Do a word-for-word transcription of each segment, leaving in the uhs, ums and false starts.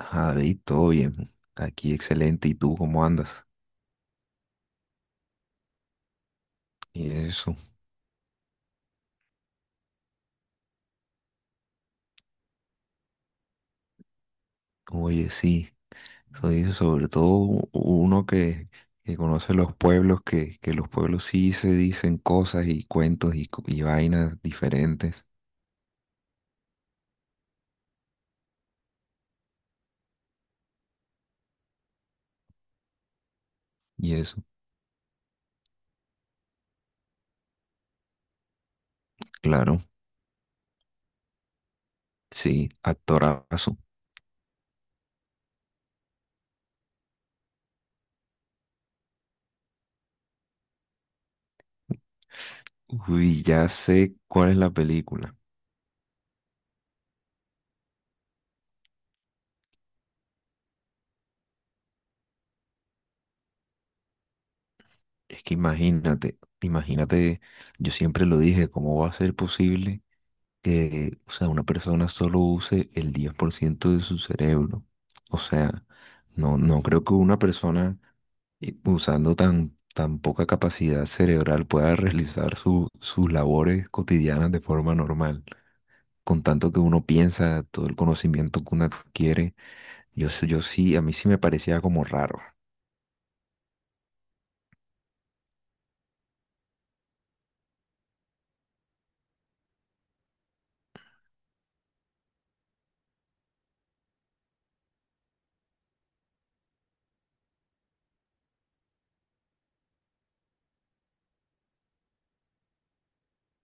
Javi, todo bien. Aquí excelente. ¿Y tú cómo andas? Y eso. Oye, sí. Eso dice sobre todo u- uno que, que conoce los pueblos, que, que los pueblos sí se dicen cosas y cuentos y, co- y vainas diferentes. Y eso. Claro. Sí, actorazo. Uy, ya sé cuál es la película. Es que imagínate, imagínate, yo siempre lo dije. ¿Cómo va a ser posible que, o sea, una persona solo use el diez por ciento de su cerebro? O sea, no, no creo que una persona eh, usando tan, tan poca capacidad cerebral pueda realizar su- sus labores cotidianas de forma normal. Con tanto que uno piensa, todo el conocimiento que uno adquiere, yo, sé- yo sí, a mí sí me parecía como raro.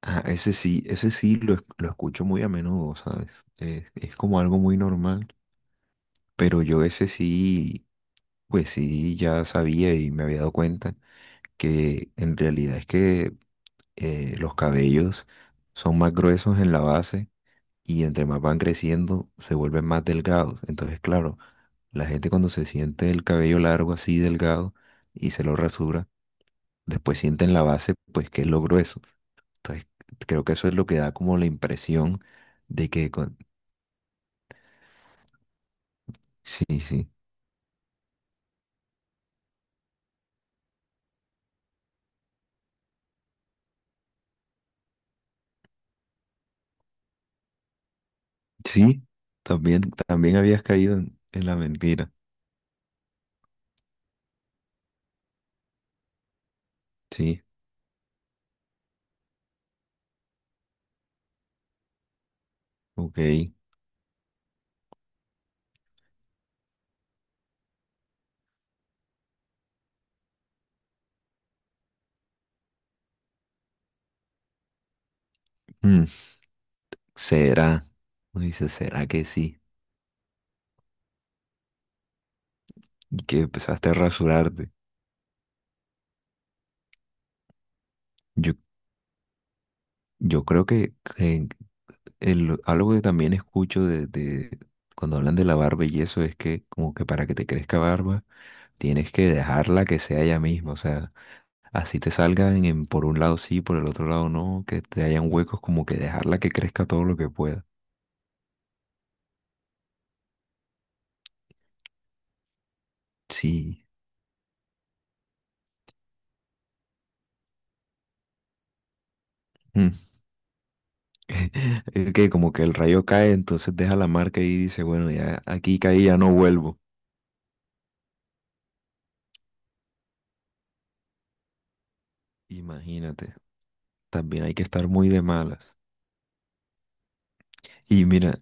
Ah, ese sí, ese sí lo, es- lo escucho muy a menudo, ¿sabes? es es como algo muy normal, pero yo ese sí. Pues sí, ya sabía y me había dado cuenta que en realidad es que eh, los cabellos son más gruesos en la base y entre más van creciendo se vuelven más delgados. Entonces, claro, la gente, cuando se siente el cabello largo así delgado y se lo rasura, después siente en la base pues que es lo grueso. Entonces, creo que eso es lo que da como la impresión de que con... Sí, sí. Sí, también, también habías caído en, en la mentira. Sí, ok. Mm, será. Uno dice, ¿será que sí? Y que empezaste a rasurarte. Yo, yo creo que, que el- algo que también escucho de, de cuando hablan de la barba y eso es que, como que para que te crezca barba tienes que dejarla que sea ella misma. O sea, así te salgan en, por un lado sí, por el otro lado no, que te hayan huecos, como que dejarla que crezca todo lo que pueda. Sí. Mm. Es que como que el rayo cae, entonces deja la marca y dice, bueno, ya aquí caí, ya no vuelvo. Imagínate. También hay que estar muy de malas. Y mira,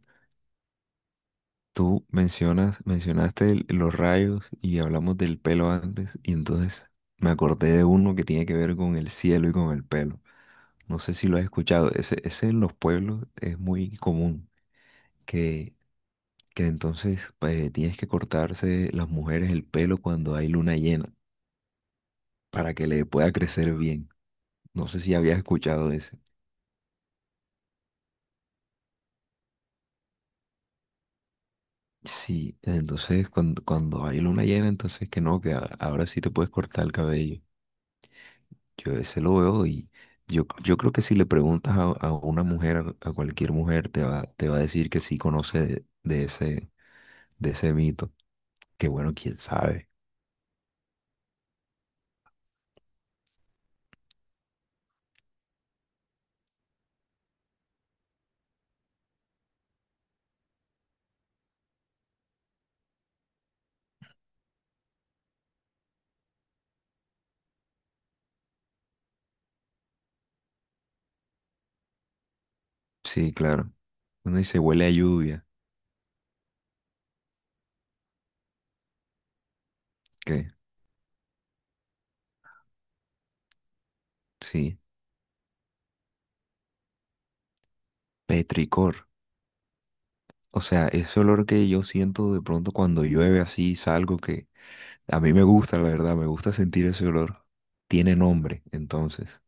tú mencionas, mencionaste el- los rayos y hablamos del pelo antes, y entonces me acordé de uno que tiene que ver con el cielo y con el pelo. No sé si lo has escuchado, ese, ese en los pueblos es muy común, que, que entonces eh, tienes que cortarse las mujeres el pelo cuando hay luna llena para que le pueda crecer bien. No sé si habías escuchado ese. Sí, entonces, cuando, cuando hay luna llena, entonces que no, que a- ahora sí te puedes cortar el cabello. Yo ese lo veo y yo, yo creo que si le preguntas a, a una mujer, a, a cualquier mujer, te va, te va a decir que sí conoce de, de ese, de ese mito. Que bueno, quién sabe. Sí, claro. Uno dice huele a lluvia, que sí, petricor. O sea, ese olor que yo siento de pronto cuando llueve así, salgo que a mí me gusta, la verdad, me gusta sentir ese olor. Tiene nombre, entonces.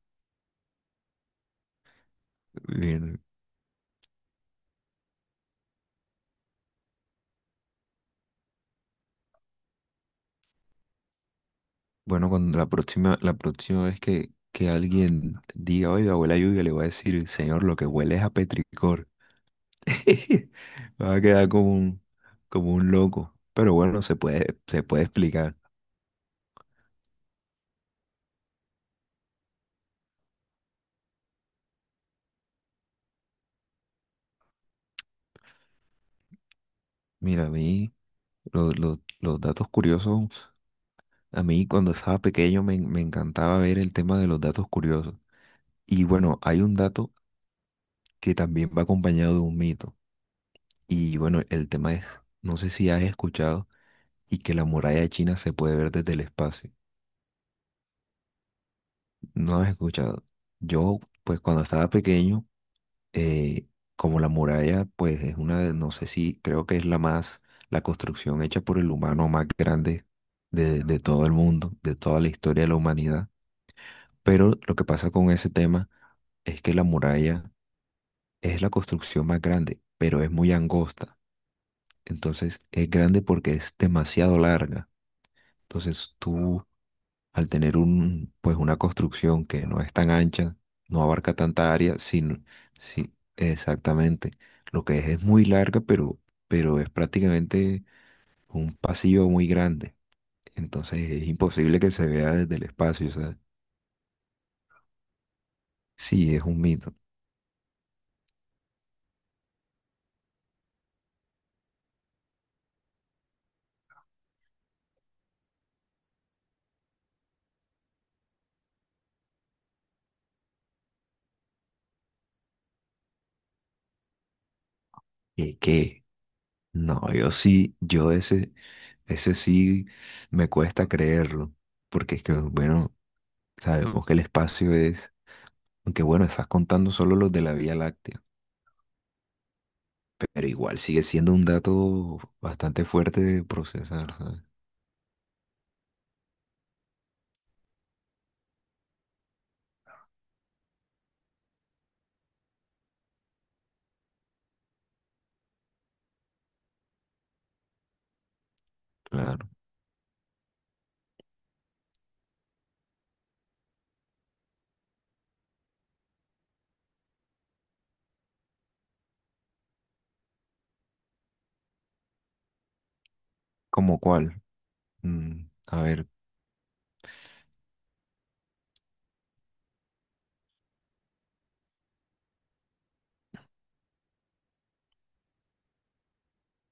Bien. Bueno, cuando la próxima, la próxima vez que, que alguien diga, oiga, huele a lluvia, le voy a decir, señor, lo que huele es a petricor. Va a quedar como un, como un loco. Pero bueno, se puede, se puede explicar. Mira, a mí, los, los, los datos curiosos, a mí cuando estaba pequeño me, en- me encantaba ver el tema de los datos curiosos. Y bueno, hay un dato que también va acompañado de un mito. Y bueno, el tema es, no sé si has escuchado, y que la muralla china se puede ver desde el espacio. No he escuchado. Yo, pues cuando estaba pequeño, eh, como la muralla, pues es una de, no sé si, creo que es la más, la construcción hecha por el humano más grande de, de todo el mundo, de toda la historia de la humanidad. Pero lo que pasa con ese tema es que la muralla es la construcción más grande, pero es muy angosta. Entonces es grande porque es demasiado larga. Entonces tú, al tener un, pues una construcción que no es tan ancha, no abarca tanta área, sino, sí, exactamente. Lo que es es muy larga, pero, pero es prácticamente un pasillo muy grande. Entonces es imposible que se vea desde el espacio. O sea, sí, es un mito. ¿Y qué? No, yo sí, yo ese, ese sí me cuesta creerlo, porque es que, bueno, sabemos que el espacio es, aunque bueno, estás contando solo los de la Vía Láctea. Pero igual sigue siendo un dato bastante fuerte de procesar, ¿sabes? Claro. ¿Como cuál? Mm, a ver,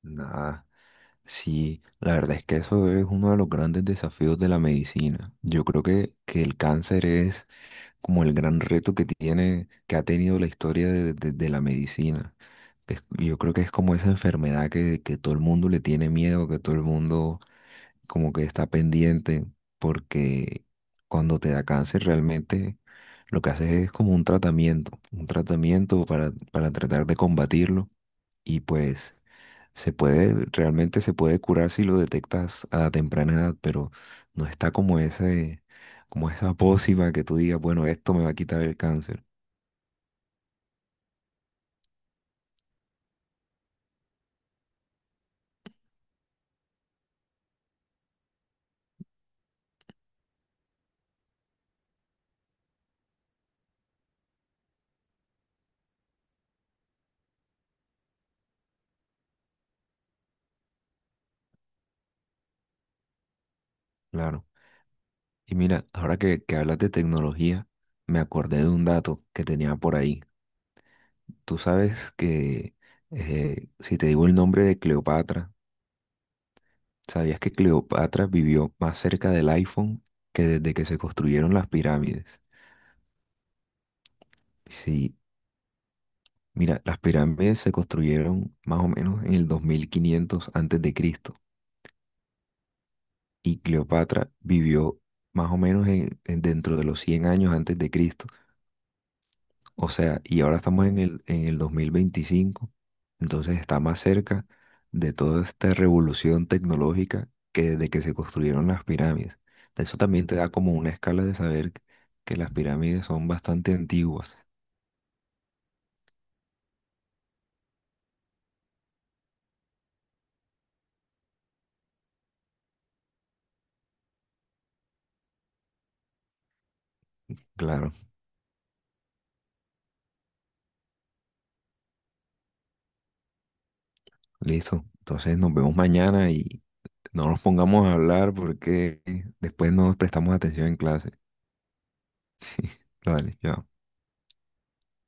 nada. Sí, la verdad es que eso es uno de los grandes desafíos de la medicina. Yo creo que, que el cáncer es como el gran reto que tiene, que ha tenido la historia de, de- de la medicina. Es- yo creo que es como esa enfermedad que, que todo el mundo le tiene miedo, que todo el mundo como que está pendiente, porque cuando te da cáncer realmente lo que haces es como un tratamiento, un tratamiento para, para tratar de combatirlo y pues se puede, realmente se puede curar si lo detectas a temprana edad, pero no está como ese, como esa pócima que tú digas, bueno, esto me va a quitar el cáncer, claro. Y mira, ahora que, que hablas de tecnología, me acordé de un dato que tenía por ahí. Tú sabes que eh, si te digo el nombre de Cleopatra, ¿sabías que Cleopatra vivió más cerca del iPhone que desde que se construyeron las pirámides? Sí, mira, las pirámides se construyeron más o menos en el dos mil quinientos antes de Cristo y Cleopatra vivió más o menos en- en- dentro de los cien años antes de Cristo. O sea, y ahora estamos en el, en el dos mil veinticinco, entonces está más cerca de toda esta revolución tecnológica que desde que se construyeron las pirámides. Eso también te da como una escala de saber que las pirámides son bastante antiguas. Claro, listo. Entonces nos vemos mañana y no nos pongamos a hablar porque después nos prestamos atención en clase. Dale, ya.